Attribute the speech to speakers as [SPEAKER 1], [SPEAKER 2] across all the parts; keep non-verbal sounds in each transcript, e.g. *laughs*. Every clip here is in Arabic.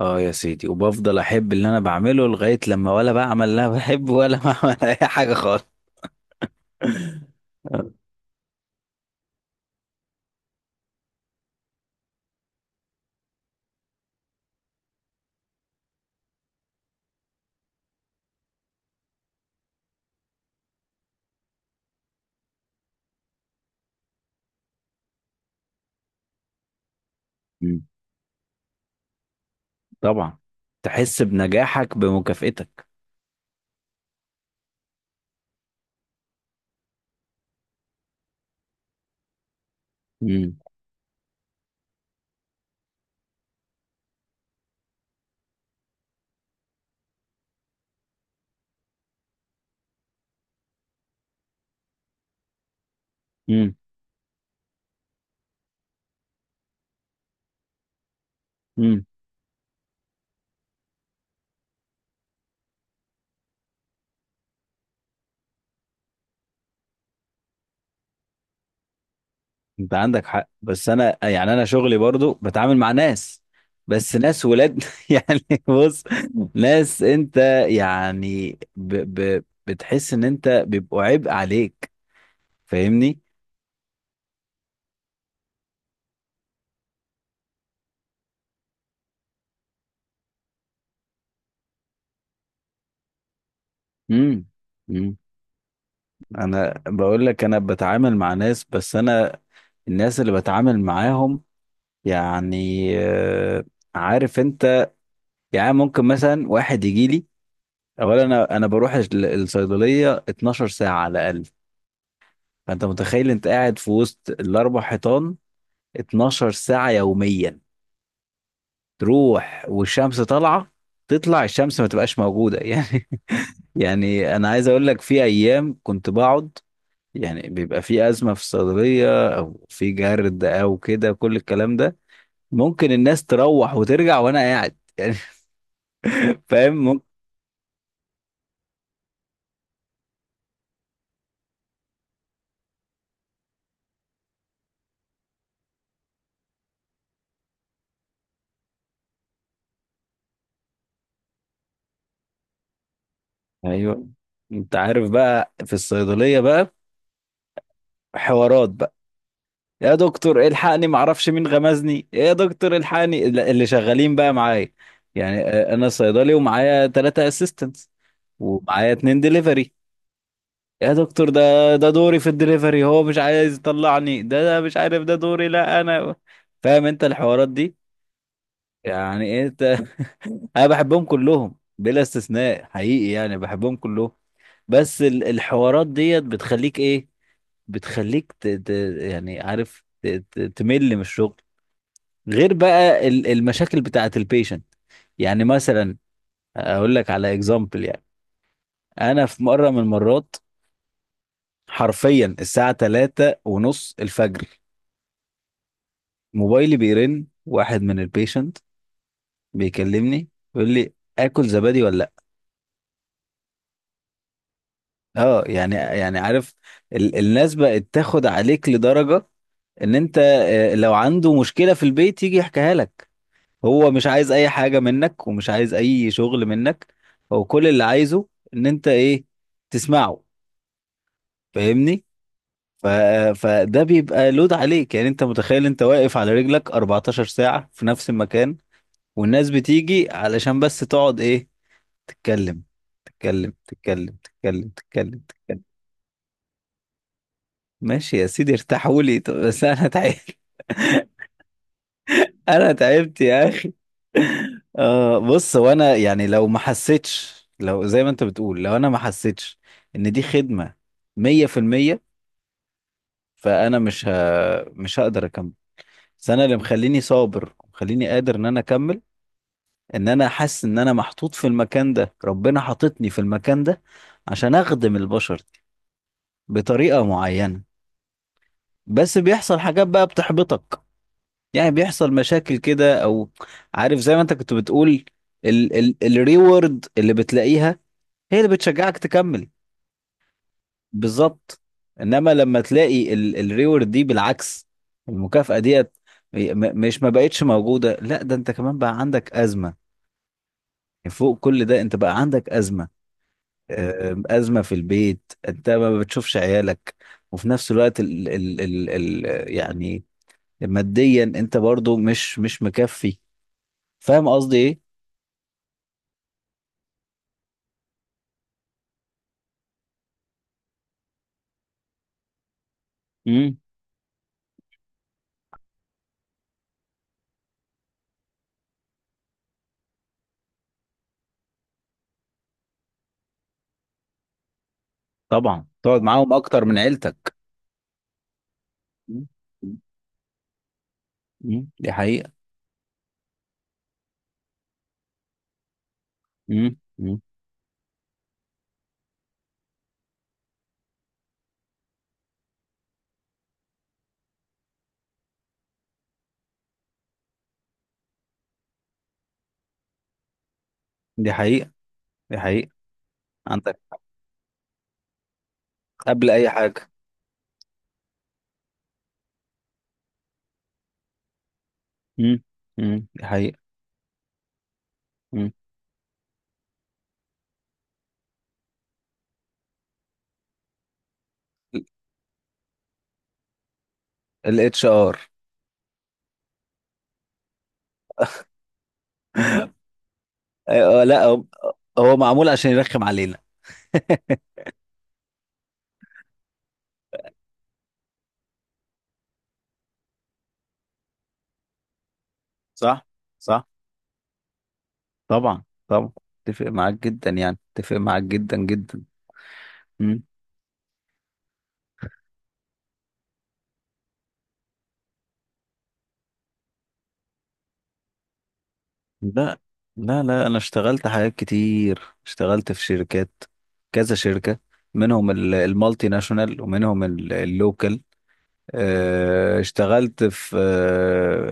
[SPEAKER 1] اه، يا سيدي. وبفضل احب اللي انا بعمله لغاية لما ولا بعمل اللي انا بحبه ولا *laughs* بعمل اي حاجة خالص. مم. طبعا، تحس بنجاحك بمكافئتك. مم. مم. مم. انت عندك حق، بس انا يعني انا شغلي برضو بتعامل مع ناس. بس ناس ولاد *laughs* يعني بص، ناس انت يعني بتحس ان انت بيبقوا عبء عليك. فاهمني؟ مم. مم. انا بقول لك انا بتعامل مع ناس، بس انا الناس اللي بتعامل معاهم يعني عارف انت، يعني ممكن مثلا واحد يجي لي. اولا انا بروح الصيدليه 12 ساعه على الاقل. فانت متخيل، انت قاعد في وسط الاربع حيطان 12 ساعه يوميا. تروح والشمس طالعه، تطلع الشمس ما تبقاش موجوده *laughs* يعني. يعني انا عايز اقول لك في ايام كنت بقعد، يعني بيبقى في أزمة في الصيدلية أو في جرد أو كده كل الكلام ده، ممكن الناس تروح وترجع وأنا قاعد *laughs* يعني. فاهم؟ ممكن. أيوه. أنت عارف بقى، في الصيدلية بقى حوارات بقى: يا دكتور الحقني معرفش مين غمزني، يا دكتور الحقني اللي شغالين بقى معايا. يعني أنا صيدلي ومعايا ثلاثة أسيستنتس، ومعايا اتنين ديليفري. يا دكتور ده، ده دوري في الدليفري، هو مش عايز يطلعني، ده ده مش عارف ده دوري لا انا. فاهم انت الحوارات دي يعني، انت *laughs* انا بحبهم كلهم بلا استثناء حقيقي، يعني بحبهم كلهم. بس الحوارات ديت بتخليك ايه، بتخليك يعني عارف تمل من الشغل. غير بقى المشاكل بتاعت البيشنت. يعني مثلا، اقول لك على اكزامبل يعني. انا في مره من المرات حرفيا الساعه 3 ونص الفجر، موبايلي بيرن، واحد من البيشنت بيكلمني، بيقول لي: اكل زبادي ولا لا؟ اه يعني، عارف، الناس بقت تاخد عليك لدرجة ان انت لو عنده مشكلة في البيت يجي يحكيها لك. هو مش عايز اي حاجة منك، ومش عايز اي شغل منك. هو كل اللي عايزه ان انت ايه؟ تسمعه. فاهمني؟ ف... فده بيبقى لود عليك. يعني انت متخيل انت واقف على رجلك 14 ساعة في نفس المكان، والناس بتيجي علشان بس تقعد ايه؟ تتكلم تتكلم تتكلم تتكلم تتكلم تتكلم. ماشي يا سيدي، ارتاحوا لي، طب بس انا تعبت. *laughs* انا تعبت يا اخي. آه، بص هو انا يعني لو ما حسيتش، لو زي ما انت بتقول، لو انا ما حسيتش ان دي خدمة 100%، فانا مش هقدر اكمل. بس انا اللي مخليني صابر مخليني قادر ان انا اكمل، ان انا حاسس ان انا محطوط في المكان ده، ربنا حاططني في المكان ده عشان اخدم البشر دي بطريقة معينة. بس بيحصل حاجات بقى بتحبطك. يعني بيحصل مشاكل كده، او عارف زي ما انت كنت بتقول، ال ال الريورد اللي بتلاقيها هي اللي بتشجعك تكمل. بالظبط. انما لما تلاقي الريورد دي بالعكس، المكافأة ديت مش ما بقتش موجودة، لا ده انت كمان بقى عندك أزمة. يعني فوق كل ده انت بقى عندك أزمة. أزمة في البيت، انت ما بتشوفش عيالك. وفي نفس الوقت ال ال ال ال يعني ماديا انت برضو مش مكفي. فاهم قصدي ايه؟ امم طبعا، تقعد معاهم اكتر من عيلتك. مم. مم. دي حقيقة. مم. مم. دي حقيقة، دي حقيقة. عندك، قبل اي حاجة. مم. مم. دي حقيقة. مم. الاتش ار. *laughs* لا، هو معمول عشان يرخم علينا. صح، صح. طبعا، طبعا. اتفق معاك جدا، يعني اتفق معاك جدا جدا. لا لا لا، انا اشتغلت حاجات كتير، اشتغلت في شركات، كذا شركة. منهم المالتي ناشونال، ومنهم اللوكال. اه، اشتغلت في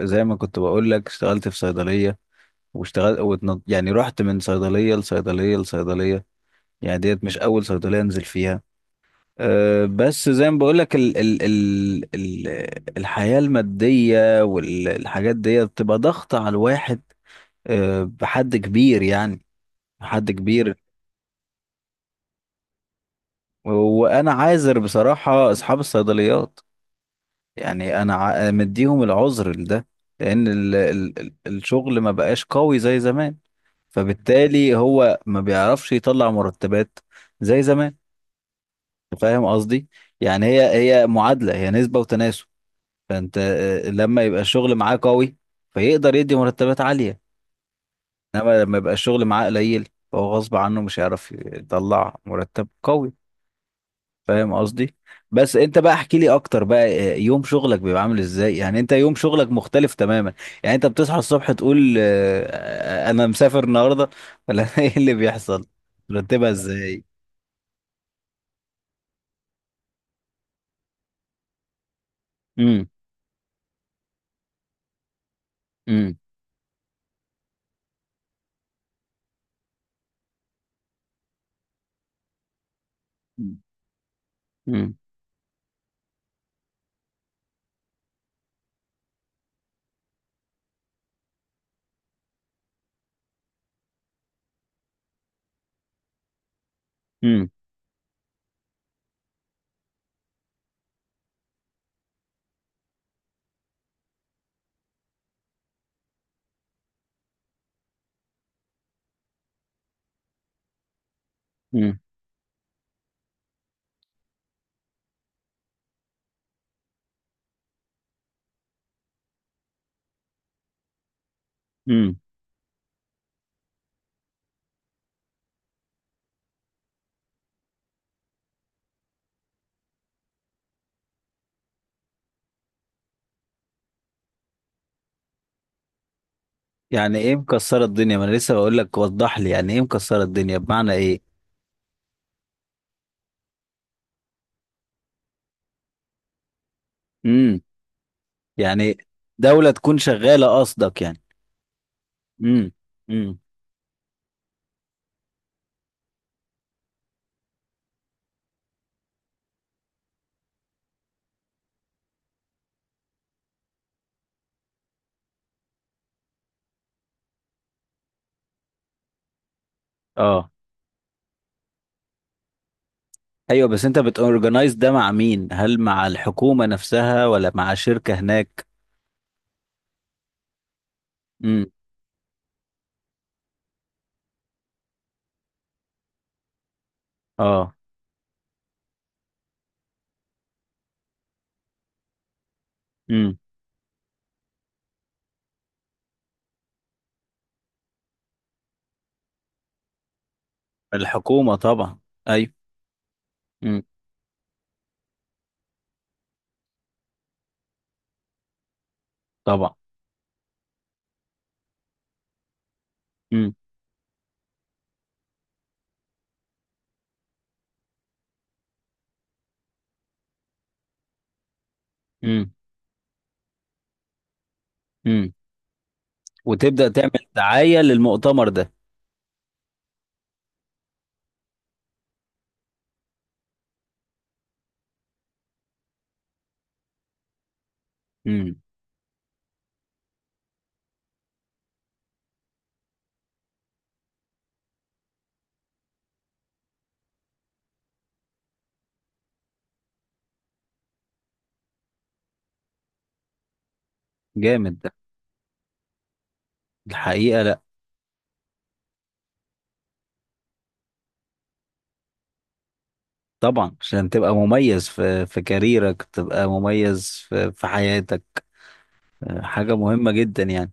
[SPEAKER 1] زي ما كنت بقول لك، اشتغلت في صيدلية، واشتغلت يعني رحت من صيدلية لصيدلية لصيدلية. يعني ديت مش اول صيدلية انزل فيها. اه، بس زي ما بقول لك ال ال ال ال الحياة المادية والحاجات ديت بتبقى ضغط على الواحد، اه، بحد كبير يعني، حد كبير. وانا عاذر بصراحة اصحاب الصيدليات. يعني انا مديهم العذر لده، لان ال ال ال الشغل ما بقاش قوي زي زمان. فبالتالي هو ما بيعرفش يطلع مرتبات زي زمان. فاهم قصدي؟ يعني هي معادلة، هي نسبة وتناسب. فانت لما يبقى الشغل معاه قوي فيقدر يدي مرتبات عالية. انما لما يبقى الشغل معاه قليل فهو غصب عنه مش هيعرف يطلع مرتب قوي. فاهم قصدي؟ بس انت بقى احكي لي اكتر بقى. يوم شغلك بيبقى عامل ازاي؟ يعني انت يوم شغلك مختلف تماما. يعني انت بتصحى الصبح تقول انا مسافر النهارده؟ ولا *laughs* ايه اللي بيحصل؟ ترتبها ازاي؟ امم امم امم امم امم امم يعني ايه مكسره الدنيا؟ ما انا لسه بقول لك وضح لي يعني ايه مكسره الدنيا بمعنى ايه. امم يعني دولة تكون شغالة قصدك؟ يعني امم امم اه، ايوه. بس انت بتورجنايز ده مع مين؟ هل مع الحكومة نفسها ولا مع شركة هناك؟ امم اه امم الحكومة طبعا، ايوه. امم طبعا. امم امم امم وتبدأ تعمل دعاية للمؤتمر ده. امم جامد ده. الحقيقة لا. طبعا، عشان تبقى مميز في كاريرك، تبقى مميز في حياتك. آه، حاجة مهمة جدا يعني.